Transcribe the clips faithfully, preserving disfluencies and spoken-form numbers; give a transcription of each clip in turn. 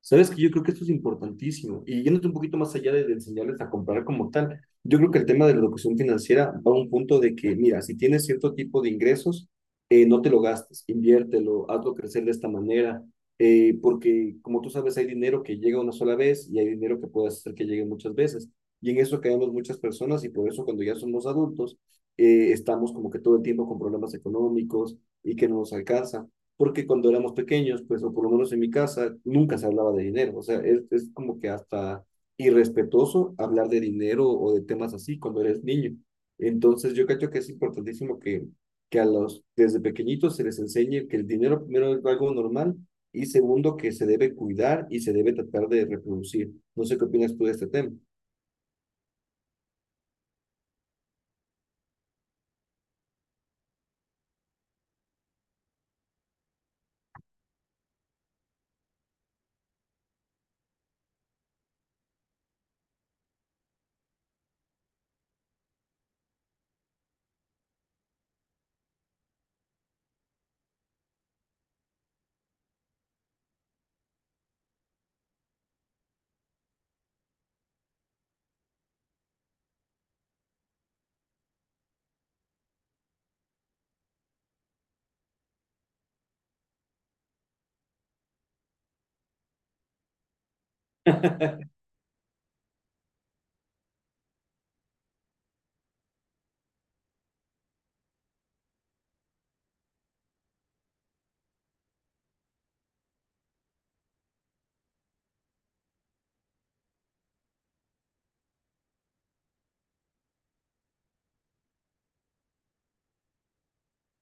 Sabes que yo creo que esto es importantísimo. Y yéndote un poquito más allá de, de enseñarles a comprar como tal, yo creo que el tema de la educación financiera va a un punto de que, mira, si tienes cierto tipo de ingresos, eh, no te lo gastes, inviértelo, hazlo crecer de esta manera, eh, porque como tú sabes, hay dinero que llega una sola vez y hay dinero que puedes hacer que llegue muchas veces. Y en eso caemos muchas personas y por eso cuando ya somos adultos, eh, estamos como que todo el tiempo con problemas económicos y que no nos alcanza porque cuando éramos pequeños, pues, o por lo menos en mi casa, nunca se hablaba de dinero. O sea, es, es como que hasta irrespetuoso hablar de dinero o de temas así cuando eres niño. Entonces, yo creo que es importantísimo que, que a los, desde pequeñitos se les enseñe que el dinero primero es algo normal y segundo que se debe cuidar y se debe tratar de reproducir. No sé qué opinas tú de este tema.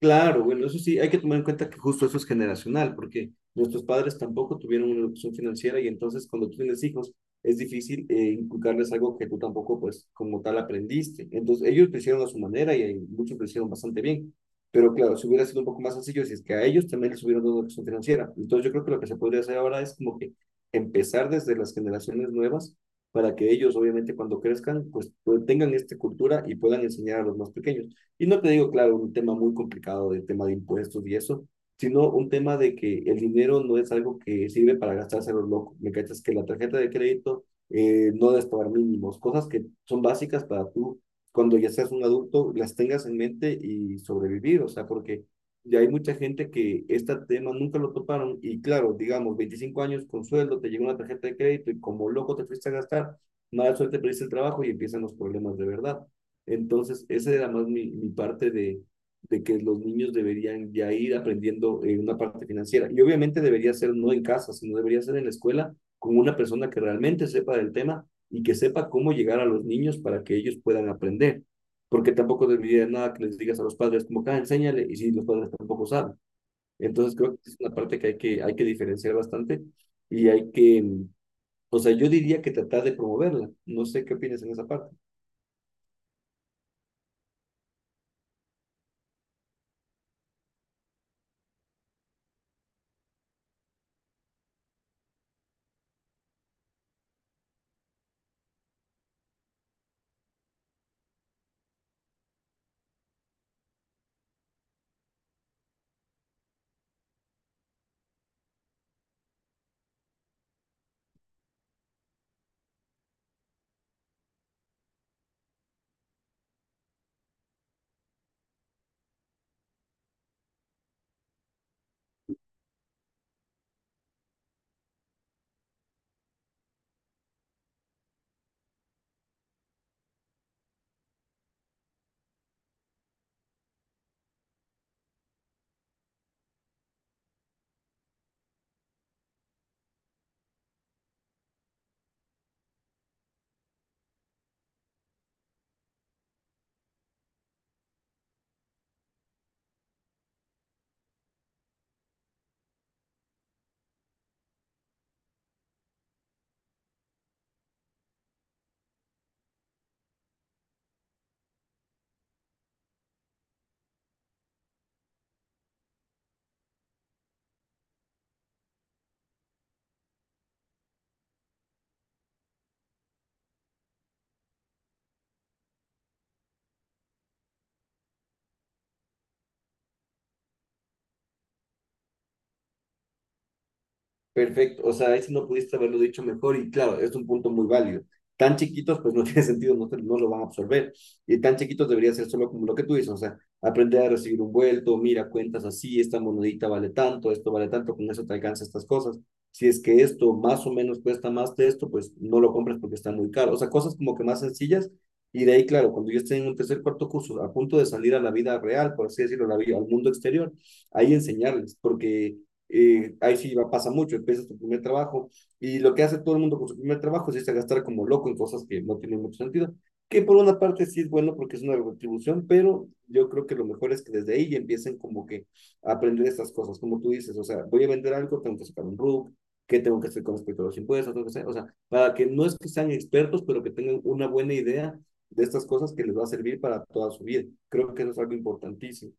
Claro, bueno, eso sí, hay que tomar en cuenta que justo eso es generacional, porque nuestros padres tampoco tuvieron una educación financiera y entonces cuando tú tienes hijos es difícil eh, inculcarles algo que tú tampoco pues como tal aprendiste. Entonces ellos lo hicieron a su manera y hay- muchos lo hicieron bastante bien, pero claro, si hubiera sido un poco más sencillo si es que a ellos también les hubieran dado una educación financiera. Entonces yo creo que lo que se podría hacer ahora es como que empezar desde las generaciones nuevas para que ellos obviamente cuando crezcan pues pues, tengan esta cultura y puedan enseñar a los más pequeños. Y no te digo, claro, un tema muy complicado del tema de impuestos y eso, sino un tema de que el dinero no es algo que sirve para gastarse a los locos. Me cachas que la tarjeta de crédito eh, no debes pagar mínimos, cosas que son básicas para tú, cuando ya seas un adulto, las tengas en mente y sobrevivir. O sea, porque ya hay mucha gente que este tema nunca lo toparon y claro, digamos, veinticinco años con sueldo, te llega una tarjeta de crédito y como loco te fuiste a gastar, mala suerte perdiste el trabajo y empiezan los problemas de verdad. Entonces, esa era más mi, mi parte de, de que los niños deberían ya ir aprendiendo eh, una parte financiera. Y obviamente debería ser no en casa, sino debería ser en la escuela con una persona que realmente sepa del tema y que sepa cómo llegar a los niños para que ellos puedan aprender. Porque tampoco debería nada que les digas a los padres como, ah, enséñale, y si los padres tampoco saben. Entonces creo que es una parte que hay que, hay que diferenciar bastante y hay que, mm, o sea, yo diría que tratar de promoverla. No sé qué opinas en esa parte. Perfecto, o sea, eso no pudiste haberlo dicho mejor y claro, es un punto muy válido. Tan chiquitos, pues no tiene sentido, no, no lo van a absorber. Y tan chiquitos debería ser solo como lo que tú dices, o sea, aprender a recibir un vuelto, mira, cuentas así, esta monedita vale tanto, esto vale tanto, con eso te alcanza estas cosas. Si es que esto más o menos cuesta más de esto, pues no lo compres porque está muy caro. O sea, cosas como que más sencillas. Y de ahí, claro, cuando yo esté en un tercer, cuarto curso, a punto de salir a la vida real, por así decirlo, la vida, al mundo exterior, ahí enseñarles, porque eh, ahí sí va, pasa mucho, empiezas tu primer trabajo y lo que hace todo el mundo con su primer trabajo es irse a gastar como loco en cosas que no tienen mucho sentido, que por una parte sí es bueno porque es una retribución, pero yo creo que lo mejor es que desde ahí ya empiecen como que a aprender estas cosas, como tú dices, o sea, voy a vender algo, tengo que sacar un R U C, qué tengo que hacer con respecto a los impuestos, tengo que hacer, o sea, para que no es que sean expertos, pero que tengan una buena idea de estas cosas que les va a servir para toda su vida. Creo que eso es algo importantísimo.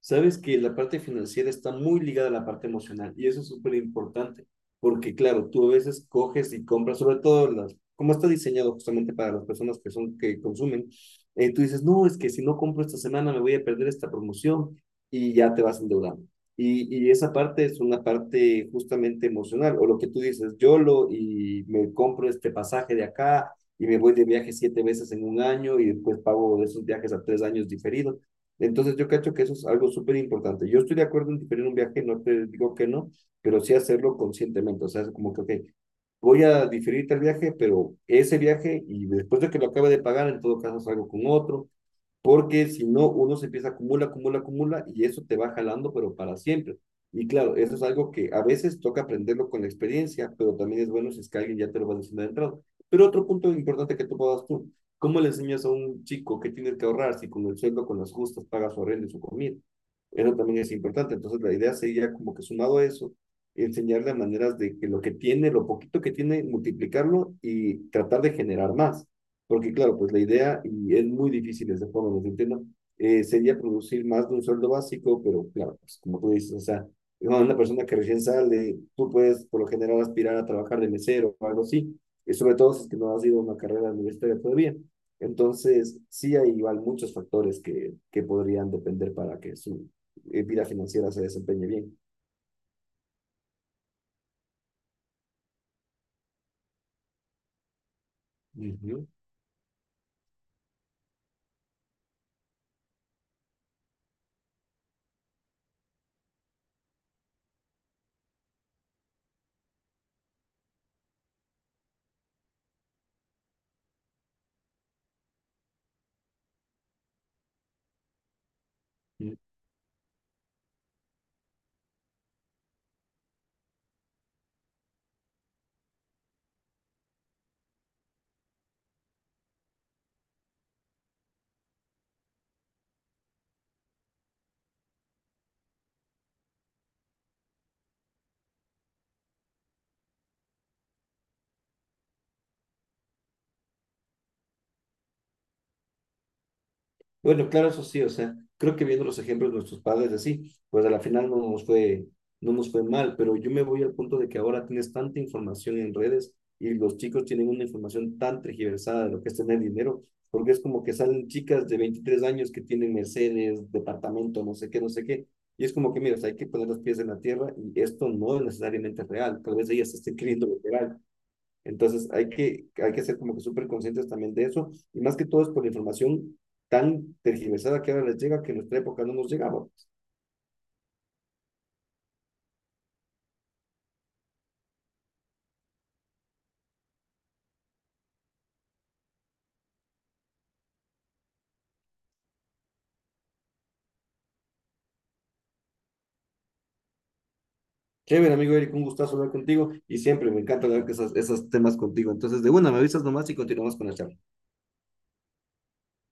Sabes que la parte financiera está muy ligada a la parte emocional y eso es súper importante, porque claro, tú a veces coges y compras, sobre todo las, como está diseñado justamente para las personas que son, que consumen, eh, tú dices, no, es que si no compro esta semana me voy a perder esta promoción y ya te vas endeudando. Y, y esa parte es una parte justamente emocional, o lo que tú dices, YOLO y me compro este pasaje de acá y me voy de viaje siete veces en un año y después pago esos viajes a tres años diferidos. Entonces yo cacho que eso es algo súper importante. Yo estoy de acuerdo en diferir un viaje, no te digo que no, pero sí hacerlo conscientemente. O sea, es como que, ok, voy a diferir el viaje, pero ese viaje y después de que lo acabe de pagar, en todo caso salgo con otro porque si no, uno se empieza a acumula, acumula, acumula y eso te va jalando, pero para siempre. Y claro, eso es algo que a veces toca aprenderlo con la experiencia, pero también es bueno si es que alguien ya te lo va diciendo de entrada. Pero otro punto importante que tú puedas tú, ¿cómo le enseñas a un chico que tiene que ahorrar si con el sueldo, con las justas, paga su arrendo y su comida? Eso también es importante. Entonces, la idea sería como que sumado a eso, enseñarle maneras de que lo que tiene, lo poquito que tiene, multiplicarlo y tratar de generar más. Porque claro, pues la idea, y es muy difícil de esa forma, los entiendo, eh, sería producir más de un sueldo básico, pero claro, pues como tú dices, o sea, bueno, una persona que recién sale, tú puedes por lo general aspirar a trabajar de mesero o algo así, y sobre todo si es que no has ido a una carrera universitaria todavía. Entonces, sí hay igual muchos factores que, que podrían depender para que su eh, vida financiera se desempeñe bien. Ujú. Bueno, claro, eso sí, o sea, creo que viendo los ejemplos de nuestros padres así, pues a la final no nos fue, no nos fue mal, pero yo me voy al punto de que ahora tienes tanta información en redes y los chicos tienen una información tan tergiversada de lo que es tener dinero, porque es como que salen chicas de veintitrés años que tienen Mercedes, departamento, no sé qué, no sé qué, y es como que, mira, o sea, hay que poner los pies en la tierra y esto no es necesariamente real, tal vez ellas estén creyendo lo real, entonces hay que, hay que ser como que súper conscientes también de eso, y más que todo es por la información tan tergiversada que ahora les llega, que en nuestra época no nos llegaba. Chévere, amigo Eric, un gustazo hablar contigo, y siempre me encanta hablar que esos, esos temas contigo. Entonces, de una, me avisas nomás y continuamos con la charla.